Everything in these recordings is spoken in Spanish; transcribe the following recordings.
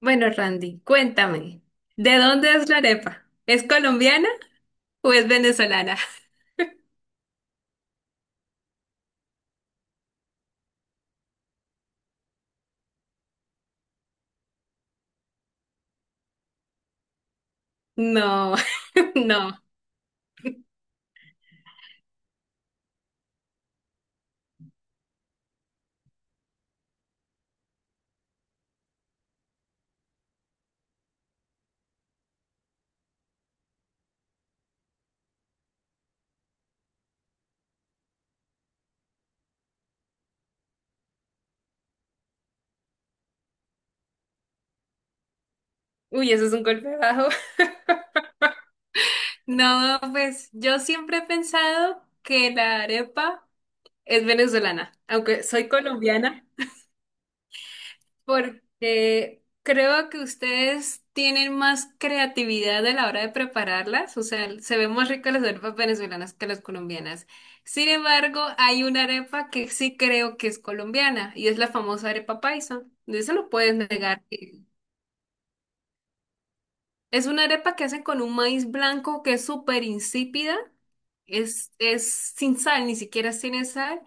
Bueno, Randy, cuéntame, ¿de dónde es la arepa? ¿Es colombiana o es venezolana? No, no. Uy, eso es un golpe bajo. No, pues yo siempre he pensado que la arepa es venezolana, aunque soy colombiana. Porque creo que ustedes tienen más creatividad a la hora de prepararlas, o sea, se ven más ricas las arepas venezolanas que las colombianas. Sin embargo, hay una arepa que sí creo que es colombiana y es la famosa arepa paisa. De eso no puedes negar. Es una arepa que hacen con un maíz blanco que es súper insípida, es sin sal, ni siquiera tiene sal.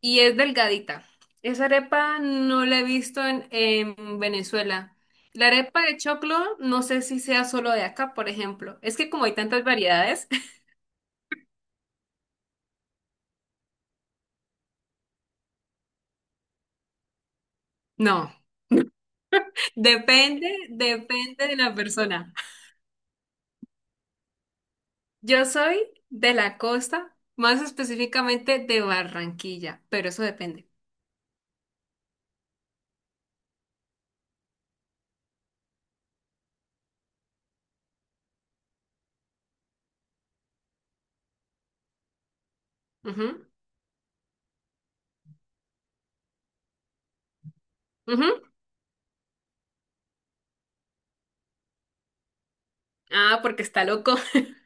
Y es delgadita. Esa arepa no la he visto en Venezuela. La arepa de choclo, no sé si sea solo de acá, por ejemplo. Es que como hay tantas variedades, no. Depende, depende de la persona. Yo soy de la costa, más específicamente de Barranquilla, pero eso depende. Ujú, ujú. Ah, porque está loco.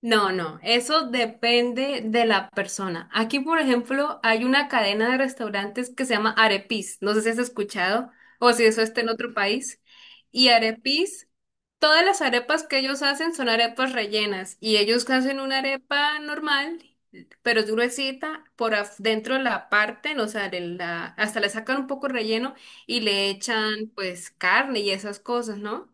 No, no, eso depende de la persona. Aquí, por ejemplo, hay una cadena de restaurantes que se llama Arepis. No sé si has escuchado o si eso está en otro país. Y Arepis, todas las arepas que ellos hacen son arepas rellenas y ellos hacen una arepa normal, pero es gruesita, dentro la parten, o sea, hasta le sacan un poco relleno y le echan pues carne y esas cosas, ¿no?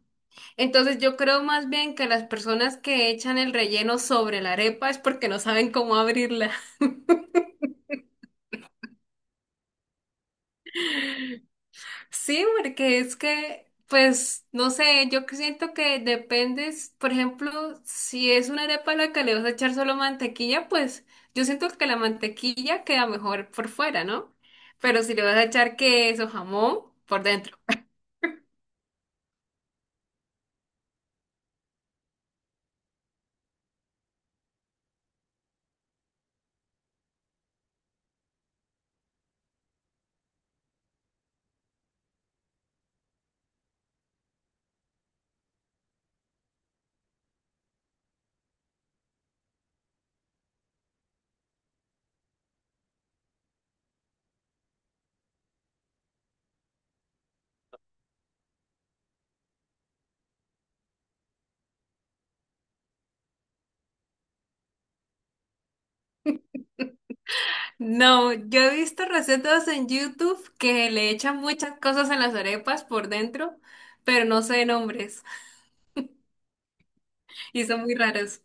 Entonces yo creo más bien que las personas que echan el relleno sobre la arepa es porque no saben cómo abrirla. Sí, porque es que, pues, no sé, yo que siento que depende, por ejemplo, si es una arepa a la que le vas a echar solo mantequilla, pues yo siento que la mantequilla queda mejor por fuera, ¿no? Pero si le vas a echar queso, jamón, por dentro. No, yo he visto recetas en YouTube que le echan muchas cosas en las arepas por dentro, pero no sé nombres. Y son muy raros.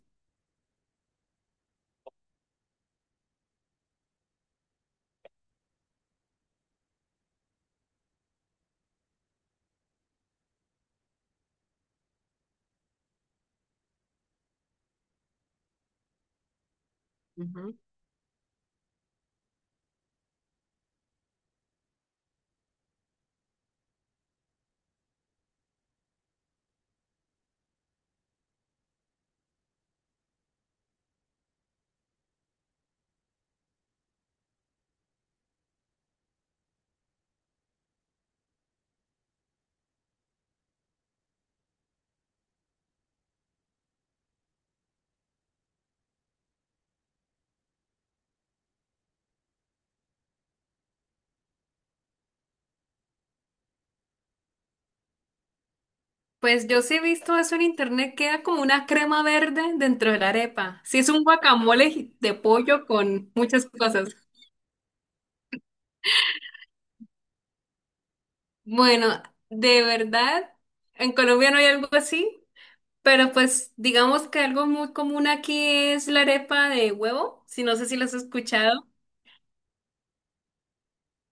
Pues yo sí he visto eso en internet, queda como una crema verde dentro de la arepa. Sí, es un guacamole de pollo con muchas cosas. Bueno, de verdad, en Colombia no hay algo así, pero pues digamos que algo muy común aquí es la arepa de huevo, si no sé si lo has escuchado.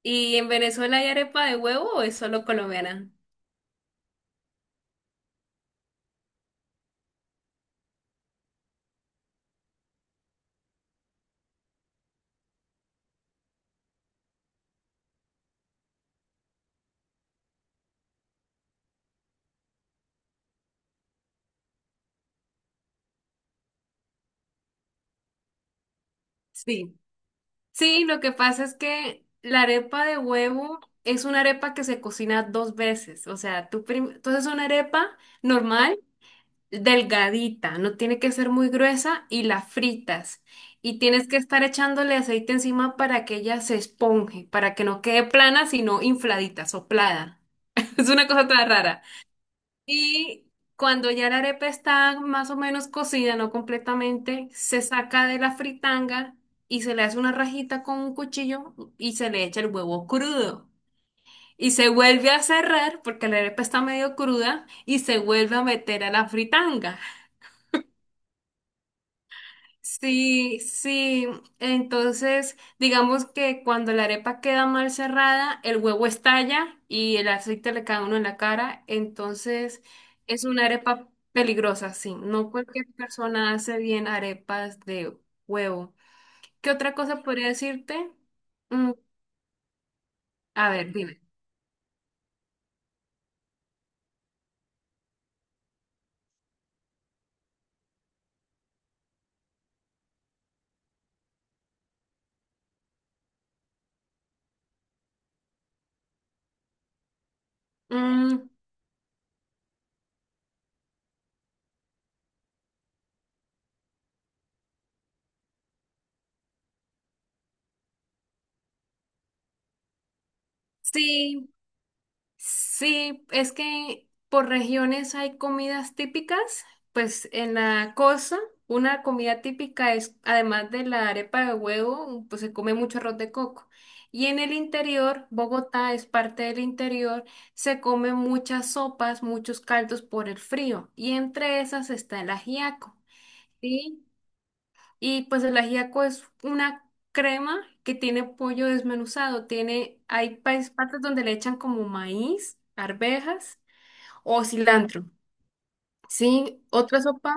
¿Y en Venezuela hay arepa de huevo o es solo colombiana? Sí. Sí, lo que pasa es que la arepa de huevo es una arepa que se cocina dos veces. O sea, entonces una arepa normal, delgadita, no tiene que ser muy gruesa y la fritas. Y tienes que estar echándole aceite encima para que ella se esponje, para que no quede plana, sino infladita, soplada. Es una cosa tan rara. Y cuando ya la arepa está más o menos cocida, no completamente, se saca de la fritanga y se le hace una rajita con un cuchillo y se le echa el huevo crudo. Y se vuelve a cerrar porque la arepa está medio cruda y se vuelve a meter a la fritanga. Sí, sí. Entonces, digamos que cuando la arepa queda mal cerrada, el huevo estalla y el aceite le cae a uno en la cara. Entonces, es una arepa peligrosa, sí. No cualquier persona hace bien arepas de huevo. ¿Qué otra cosa podría decirte? Mm, a ver, dime. Mm, sí. Sí, es que por regiones hay comidas típicas. Pues en la costa, una comida típica es, además de la arepa de huevo, pues se come mucho arroz de coco. Y en el interior, Bogotá es parte del interior, se come muchas sopas, muchos caldos por el frío. Y entre esas está el ajiaco. ¿Sí? Y pues el ajiaco es una crema que tiene pollo desmenuzado. Tiene, partes donde le echan como maíz, arvejas o cilantro. Sí, otra sopa.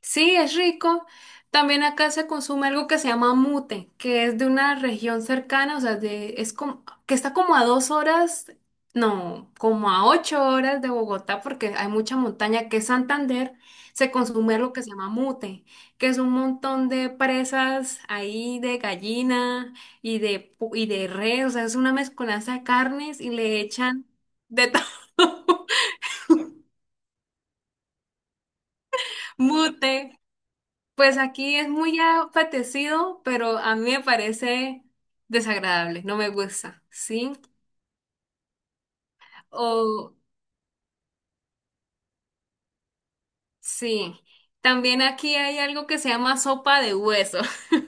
Sí, es rico. También acá se consume algo que se llama mute, que es de una región cercana, o sea, de, es como, que está como a dos horas, no, como a ocho horas de Bogotá, porque hay mucha montaña, que es Santander, se consume lo que se llama mute, que es un montón de presas ahí de gallina y de, y de res, o sea, es una mezcolanza de carnes y le echan de todo. Mute. Pues aquí es muy apetecido, pero a mí me parece desagradable, no me gusta, ¿sí? O sí, también aquí hay algo que se llama sopa de hueso.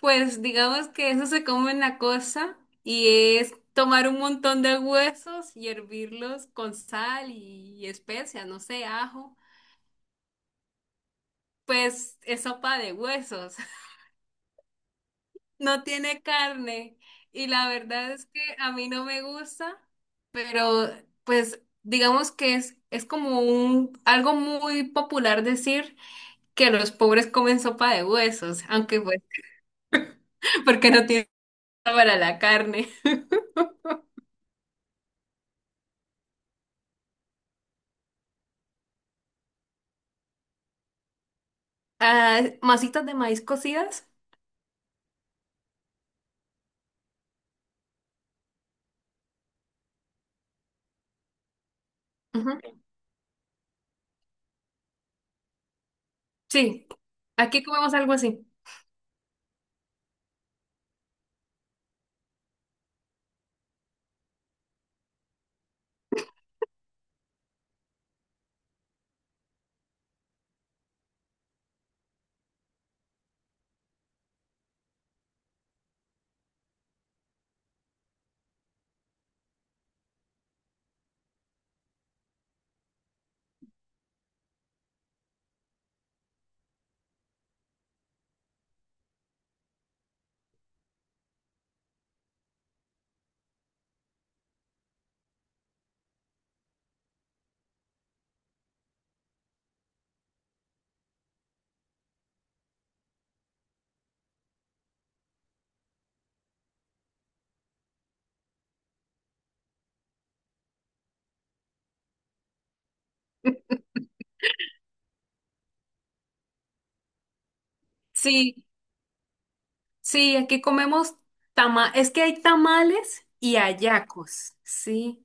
Pues digamos que eso se come en la costa y es tomar un montón de huesos y hervirlos con sal y especias, no sé, ajo. Pues es sopa de huesos. No tiene carne y la verdad es que a mí no me gusta, pero pues digamos que es como un algo muy popular decir que los pobres comen sopa de huesos, aunque pues porque no tienen para la carne. Ah, masitas de maíz cocidas. Ujú. Sí, aquí comemos algo así. Sí, sí, aquí comemos tama, es que hay tamales y hallacos, sí.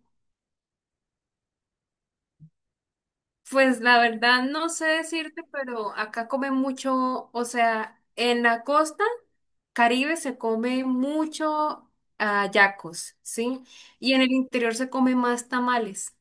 Pues la verdad no sé decirte, pero acá comen mucho, o sea, en la costa Caribe se come mucho ah, yacos, ¿sí? Y en el interior se come más tamales.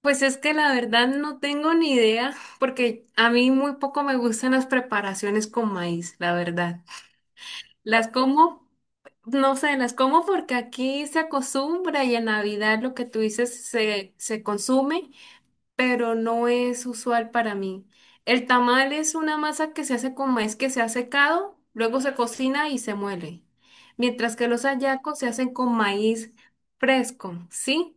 Pues es que la verdad no tengo ni idea, porque a mí muy poco me gustan las preparaciones con maíz, la verdad. Las como, no sé, las como porque aquí se acostumbra y en Navidad lo que tú dices se consume. Pero no es usual para mí. El tamal es una masa que se hace con maíz que se ha secado, luego se cocina y se muele, mientras que los hallacos se hacen con maíz fresco, ¿sí?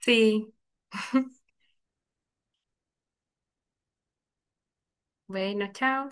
Sí. Bueno, chao.